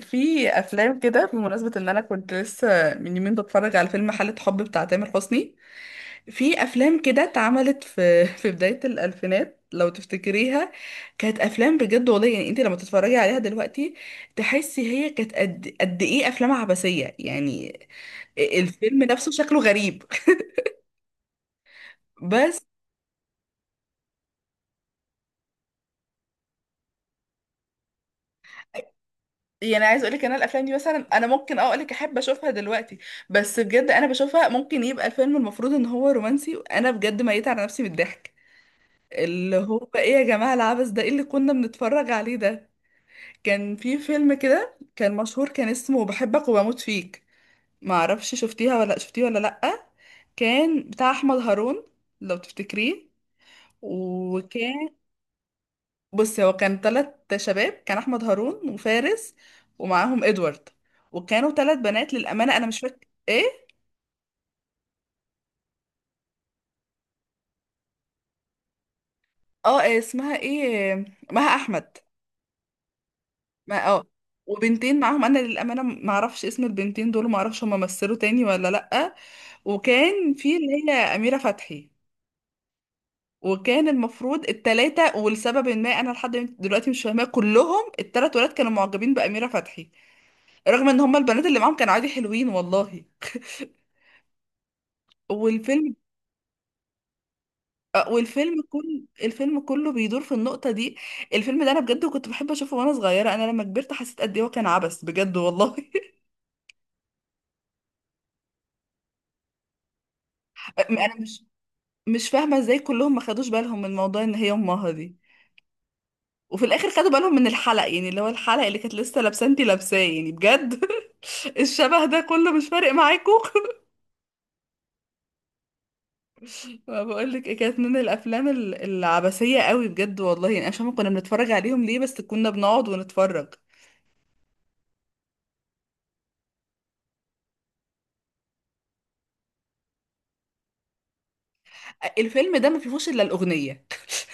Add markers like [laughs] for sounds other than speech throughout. في افلام كده بمناسبه ان انا كنت لسه من يومين بتفرج على فيلم حالة حب بتاع تامر حسني. في افلام كده اتعملت في [laughs] في بدايه الالفينات لو تفتكريها. كانت افلام بجد والله، يعني انت لما تتفرجي عليها دلوقتي تحسي هي كانت قد قد ايه افلام عبثيه يعني. الفيلم نفسه شكله غريب. [laughs] بس. يعني عايز اقول لك، انا الافلام دي مثلا انا ممكن اقول لك احب اشوفها دلوقتي، بس بجد انا بشوفها ممكن يبقى الفيلم المفروض ان هو رومانسي وانا بجد ميت على نفسي من الضحك، اللي هو ايه يا جماعه العبث ده؟ ايه اللي كنا بنتفرج عليه ده؟ كان في فيلم كده كان مشهور، كان اسمه بحبك وبموت فيك. ما اعرفش شفتيها ولا شفتيه ولا لا. كان بتاع احمد هارون، لو تفتكريه. وكان بص، هو كان ثلاث شباب، كان احمد هارون وفارس، ومعاهم ادوارد. وكانوا ثلاث بنات، للامانه انا مش فاكره ايه. اه، إيه اسمها؟ ايه، مها احمد. ما اه وبنتين معاهم، انا للامانه ما اعرفش اسم البنتين دول، ما اعرفش هم مثلوا تاني ولا لا. وكان في اللي هي اميره فتحي. وكان المفروض التلاتة، ولسبب ما انا لحد دلوقتي مش فاهماه، كلهم التلات ولاد كانوا معجبين باميره فتحي، رغم ان هم البنات اللي معاهم كانوا عادي حلوين والله. والفيلم والفيلم كل الفيلم كله بيدور في النقطة دي. الفيلم ده انا بجد كنت بحب اشوفه وانا صغيرة، انا لما كبرت حسيت قد ايه هو كان عبث بجد والله. [laughs] انا مش فاهمة ازاي كلهم ما خدوش بالهم من موضوع ان هي امها دي، وفي الاخر خدوا بالهم من الحلق، يعني اللي هو الحلق اللي كانت لسه لابسه انتي لابساه يعني بجد. [laughs] الشبه ده كله مش فارق معاكم؟ [laughs] ما بقول لك ايه، كانت من الافلام العبثيه قوي بجد والله، يعني انا مش فاهمه كنا بنتفرج عليهم ليه، بس كنا بنقعد ونتفرج. الفيلم ده ما فيهوش الا الاغنيه. [laughs]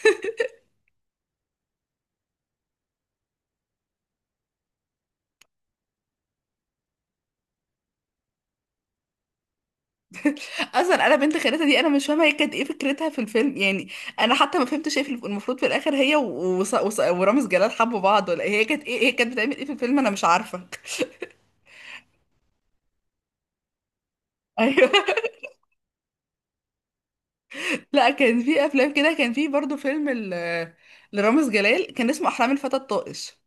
اصلا انا بنت خالتها دي انا مش فاهمه هي كانت ايه فكرتها في الفيلم يعني. انا حتى ما فهمتش ايه المفروض في الاخر هي ورامز جلال حبوا بعض ولا إيه؟ هي كانت بتعمل ايه في الفيلم؟ انا مش عارفه. [laughs] ايوه. لا كان في افلام كده، كان في برضو فيلم لرامز جلال كان اسمه احلام الفتى الطائش.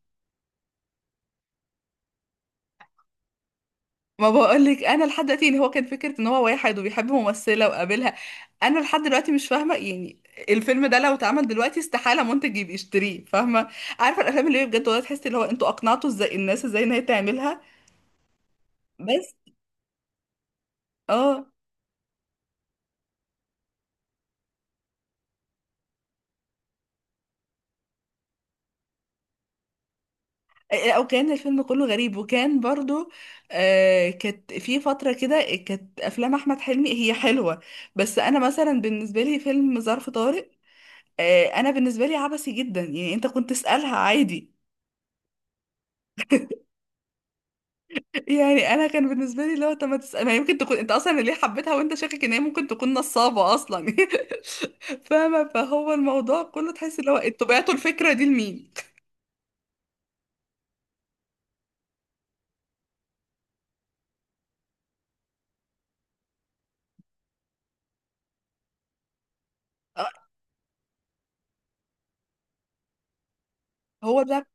ما بقولك انا لحد دلوقتي، اللي هو كان فكره ان هو واحد وبيحب ممثله وقابلها، انا لحد دلوقتي مش فاهمه يعني. الفيلم ده لو اتعمل دلوقتي استحاله منتج يبقى يشتريه، فاهمه؟ عارفه الافلام اللي هي بجد والله تحسي اللي هو انتوا اقنعتوا ازاي الناس ازاي ان هي تعملها. بس اه. او كان الفيلم كله غريب، وكان برضو، آه، كانت في فتره كده كانت افلام احمد حلمي هي حلوه. بس انا مثلا بالنسبه لي فيلم ظرف طارق، انا بالنسبه لي عبثي جدا، يعني انت كنت تسالها عادي؟ يعني انا كان بالنسبه لي اللي هو طب ما تسال، ما يمكن تكون انت اصلا ليه حبيتها وانت شاكك ان هي ممكن تكون نصابه اصلا. [laughs] فاهمه، فهو الموضوع كله تحس اللي هو انتوا بعتوا الفكره دي لمين. آه، هو ده.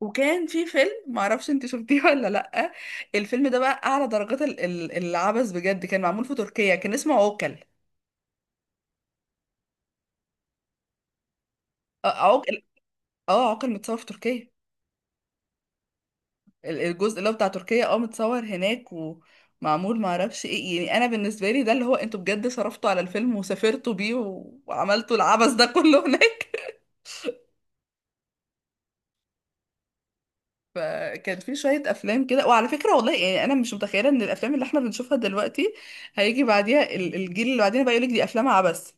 وكان في فيلم ما اعرفش انت شفتيه ولا لا، الفيلم ده بقى اعلى درجات العبث بجد، كان معمول في تركيا، كان اسمه عوكل. آه، عوكل. اه، عوكل متصور في تركيا. الجزء اللي هو بتاع تركيا، متصور هناك ومعمول ما اعرفش ايه، يعني انا بالنسبه لي ده اللي هو انتوا بجد صرفتوا على الفيلم وسافرتوا بيه و- وعملتوا العبث ده كله هناك. [laughs] فكان في شويه افلام كده، وعلى فكره والله يعني انا مش متخيله ان الافلام اللي احنا بنشوفها دلوقتي هيجي بعديها الجيل اللي بعدين بقى يقولك دي افلام عبث.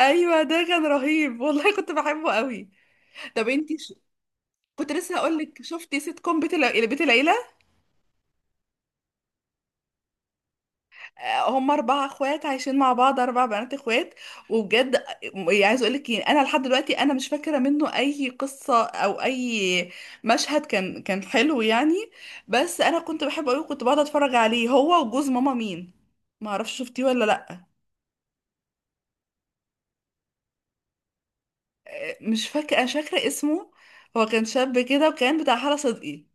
ايوه ده كان رهيب والله، كنت بحبه قوي. طب انتي كنت لسه هقول لك، شفتي سيت كوم بيت العيله؟ هم اربع اخوات عايشين مع بعض، اربع بنات اخوات، وبجد يعني عايز اقول لك إيه، انا لحد دلوقتي انا مش فاكره منه اي قصه او اي مشهد، كان حلو يعني. بس انا كنت بحبه قوي، كنت بقعد اتفرج عليه هو وجوز ماما مين، ما اعرفش شفتيه ولا لا. مش فاكره اسمه. هو كان شاب كده وكان بتاع حلا صدقي.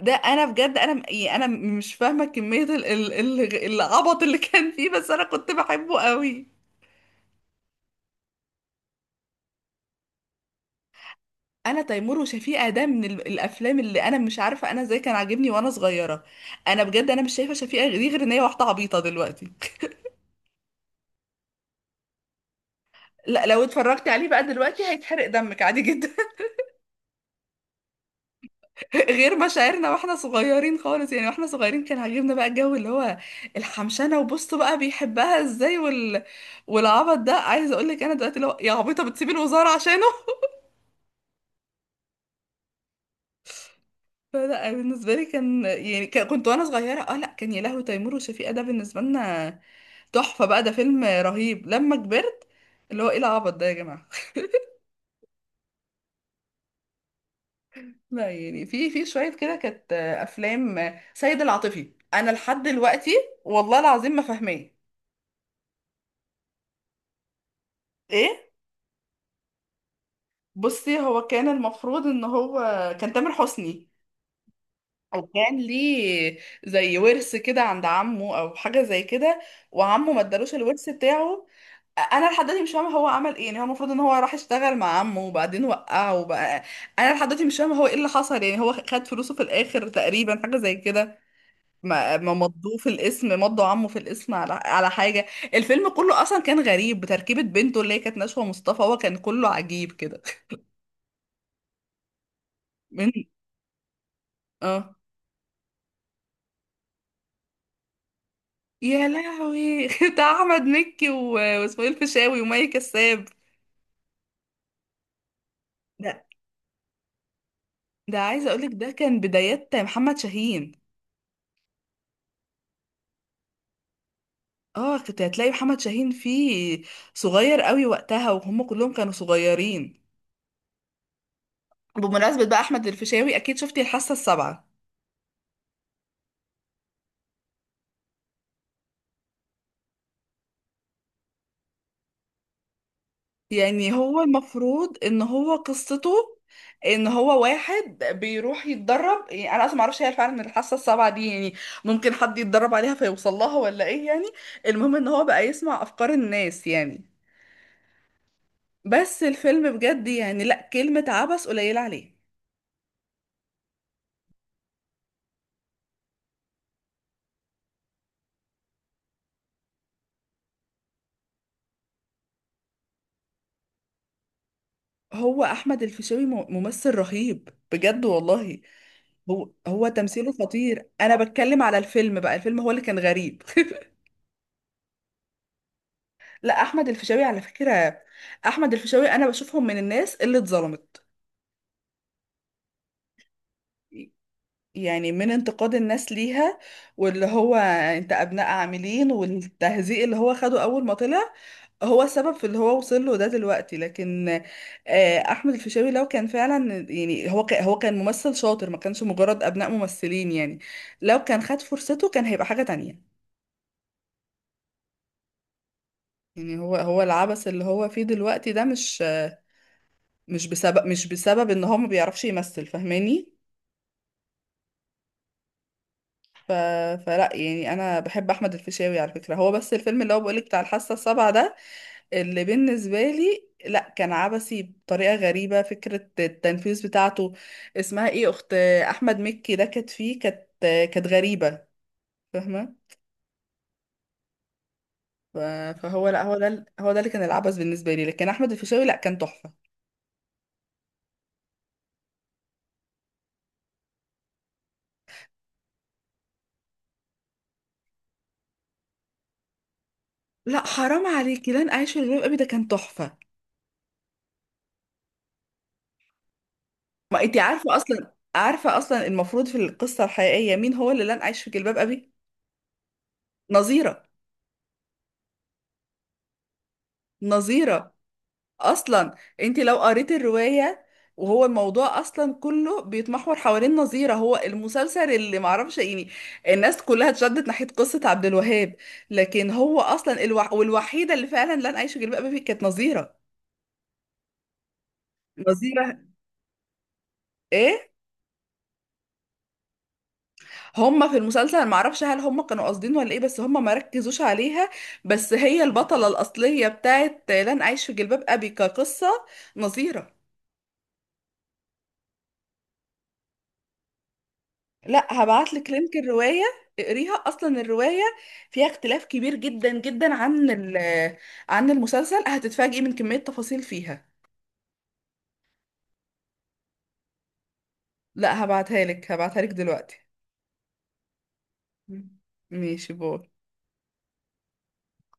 ده انا بجد، انا انا مش فاهمه كميه العبط اللي كان فيه، بس انا كنت بحبه قوي. انا تيمور وشفيقة ده من الافلام اللي انا مش عارفه انا ازاي كان عاجبني وانا صغيره. انا بجد انا مش شايفه شفيقة دي غير ان هي واحده عبيطه دلوقتي. لا لو اتفرجت عليه بقى دلوقتي هيتحرق دمك عادي جدا. [laughs] غير مشاعرنا واحنا صغيرين خالص، يعني واحنا صغيرين كان عاجبنا بقى الجو اللي هو الحمشانه وبصوا بقى بيحبها ازاي، والعبط ده، عايزه اقول لك انا دلوقتي لو يا عبيطه بتسيبي الوزاره عشانه. فلا بالنسبه لي كان يعني، كنت وانا صغيره، لا كان، يا لهوي، تيمور وشفيقة ده بالنسبه لنا تحفه بقى ده فيلم رهيب، لما كبرت اللي هو ايه العبط ده يا جماعه. [laughs] لا يعني في شويه كده كانت افلام. سيد العاطفي انا لحد دلوقتي والله العظيم ما فاهماه. ايه؟ بصي هو كان المفروض ان هو كان تامر حسني، وكان ليه زي ورث كده عند عمه او حاجه زي كده، وعمه ما ادالوش الورث بتاعه. انا لحد دلوقتي مش فاهمه هو عمل ايه، يعني هو المفروض ان هو راح اشتغل مع عمه وبعدين وقعه وبقى، انا لحد دلوقتي مش فاهمه هو ايه اللي حصل، يعني هو خد فلوسه في الاخر تقريبا حاجه زي كده. ما مضوه في الاسم، مضوا عمه في الاسم على حاجه. الفيلم كله اصلا كان غريب بتركيبه، بنته اللي هي كانت نشوى مصطفى، هو كان كله عجيب كده. [laughs] من اه، يا لهوي، [laughs] بتاع احمد مكي و... واسماعيل فيشاوي ومي كساب. ده ده عايزه اقولك ده كان بدايات محمد شاهين. اه، كنت هتلاقي محمد شاهين فيه صغير قوي وقتها، وهم كلهم كانوا صغيرين. بمناسبة بقى أحمد الفيشاوي، أكيد شفتي الحاسة السابعة؟ يعني هو المفروض إن هو قصته، إن هو واحد بيروح يتدرب، يعني أنا أصلا معرفش هي فعلا الحاسة السابعة دي يعني ممكن حد يتدرب عليها فيوصل لها ولا إيه يعني؟ المهم إن هو بقى يسمع أفكار الناس يعني، بس الفيلم بجد يعني لأ، كلمة عبث قليلة عليه. هو أحمد الفيشاوي ممثل رهيب بجد والله. هو تمثيله خطير، انا بتكلم على الفيلم بقى، الفيلم هو اللي كان غريب. [laughs] لا احمد الفيشاوي، على فكرة احمد الفيشاوي انا بشوفهم من الناس اللي اتظلمت، يعني من انتقاد الناس ليها، واللي هو انت ابناء عاملين والتهزيء اللي هو خده اول ما طلع هو السبب في اللي هو وصل له ده دلوقتي، لكن آه، احمد الفيشاوي لو كان فعلا يعني، هو كان ممثل شاطر ما كانش مجرد ابناء ممثلين يعني، لو كان خد فرصته كان هيبقى حاجة تانية. يعني هو العبث اللي هو فيه دلوقتي ده مش بسبب ان هو ما بيعرفش يمثل، فاهماني؟ ف... فلا يعني انا بحب احمد الفيشاوي على فكره هو، بس الفيلم اللي هو بقولك بتاع الحاسه السابعه ده اللي بالنسبه لي لا كان عبثي بطريقه غريبه، فكره التنفيذ بتاعته، اسمها ايه، اخت احمد مكي ده كانت فيه، كانت غريبه، فاهمه؟ ف... فهو لا، هو ده اللي كان العبث بالنسبه لي، لكن احمد الفيشاوي لا كان تحفه. لا حرام عليكي لن اعيش في جلباب ابي ده كان تحفه. ما انت عارفه اصلا، المفروض في القصه الحقيقيه مين هو اللي لن عايش في جلباب ابي؟ نظيره. نظيره. اصلا انت لو قريت الروايه، وهو الموضوع اصلا كله بيتمحور حوالين نظيره، هو المسلسل اللي معرفش يعني، الناس كلها اتشدت ناحيه قصه عبد الوهاب، لكن هو اصلا الوح... والوحيده اللي فعلا لن عايش في جلباب ابي كانت نظيره. نظيره. ايه، هما في المسلسل معرفش هل هما كانوا قاصدين ولا ايه، بس هما ما ركزوش عليها، بس هي البطلة الأصلية بتاعت لن أعيش في جلباب أبي كقصة، نظيرة. لا هبعتلك لينك الرواية، اقريها أصلا الرواية فيها اختلاف كبير جدا جدا عن عن المسلسل، هتتفاجئي من كمية تفاصيل فيها. لا هبعتها لك، هبعتها لك دلوقتي. مم. ماشي، باي.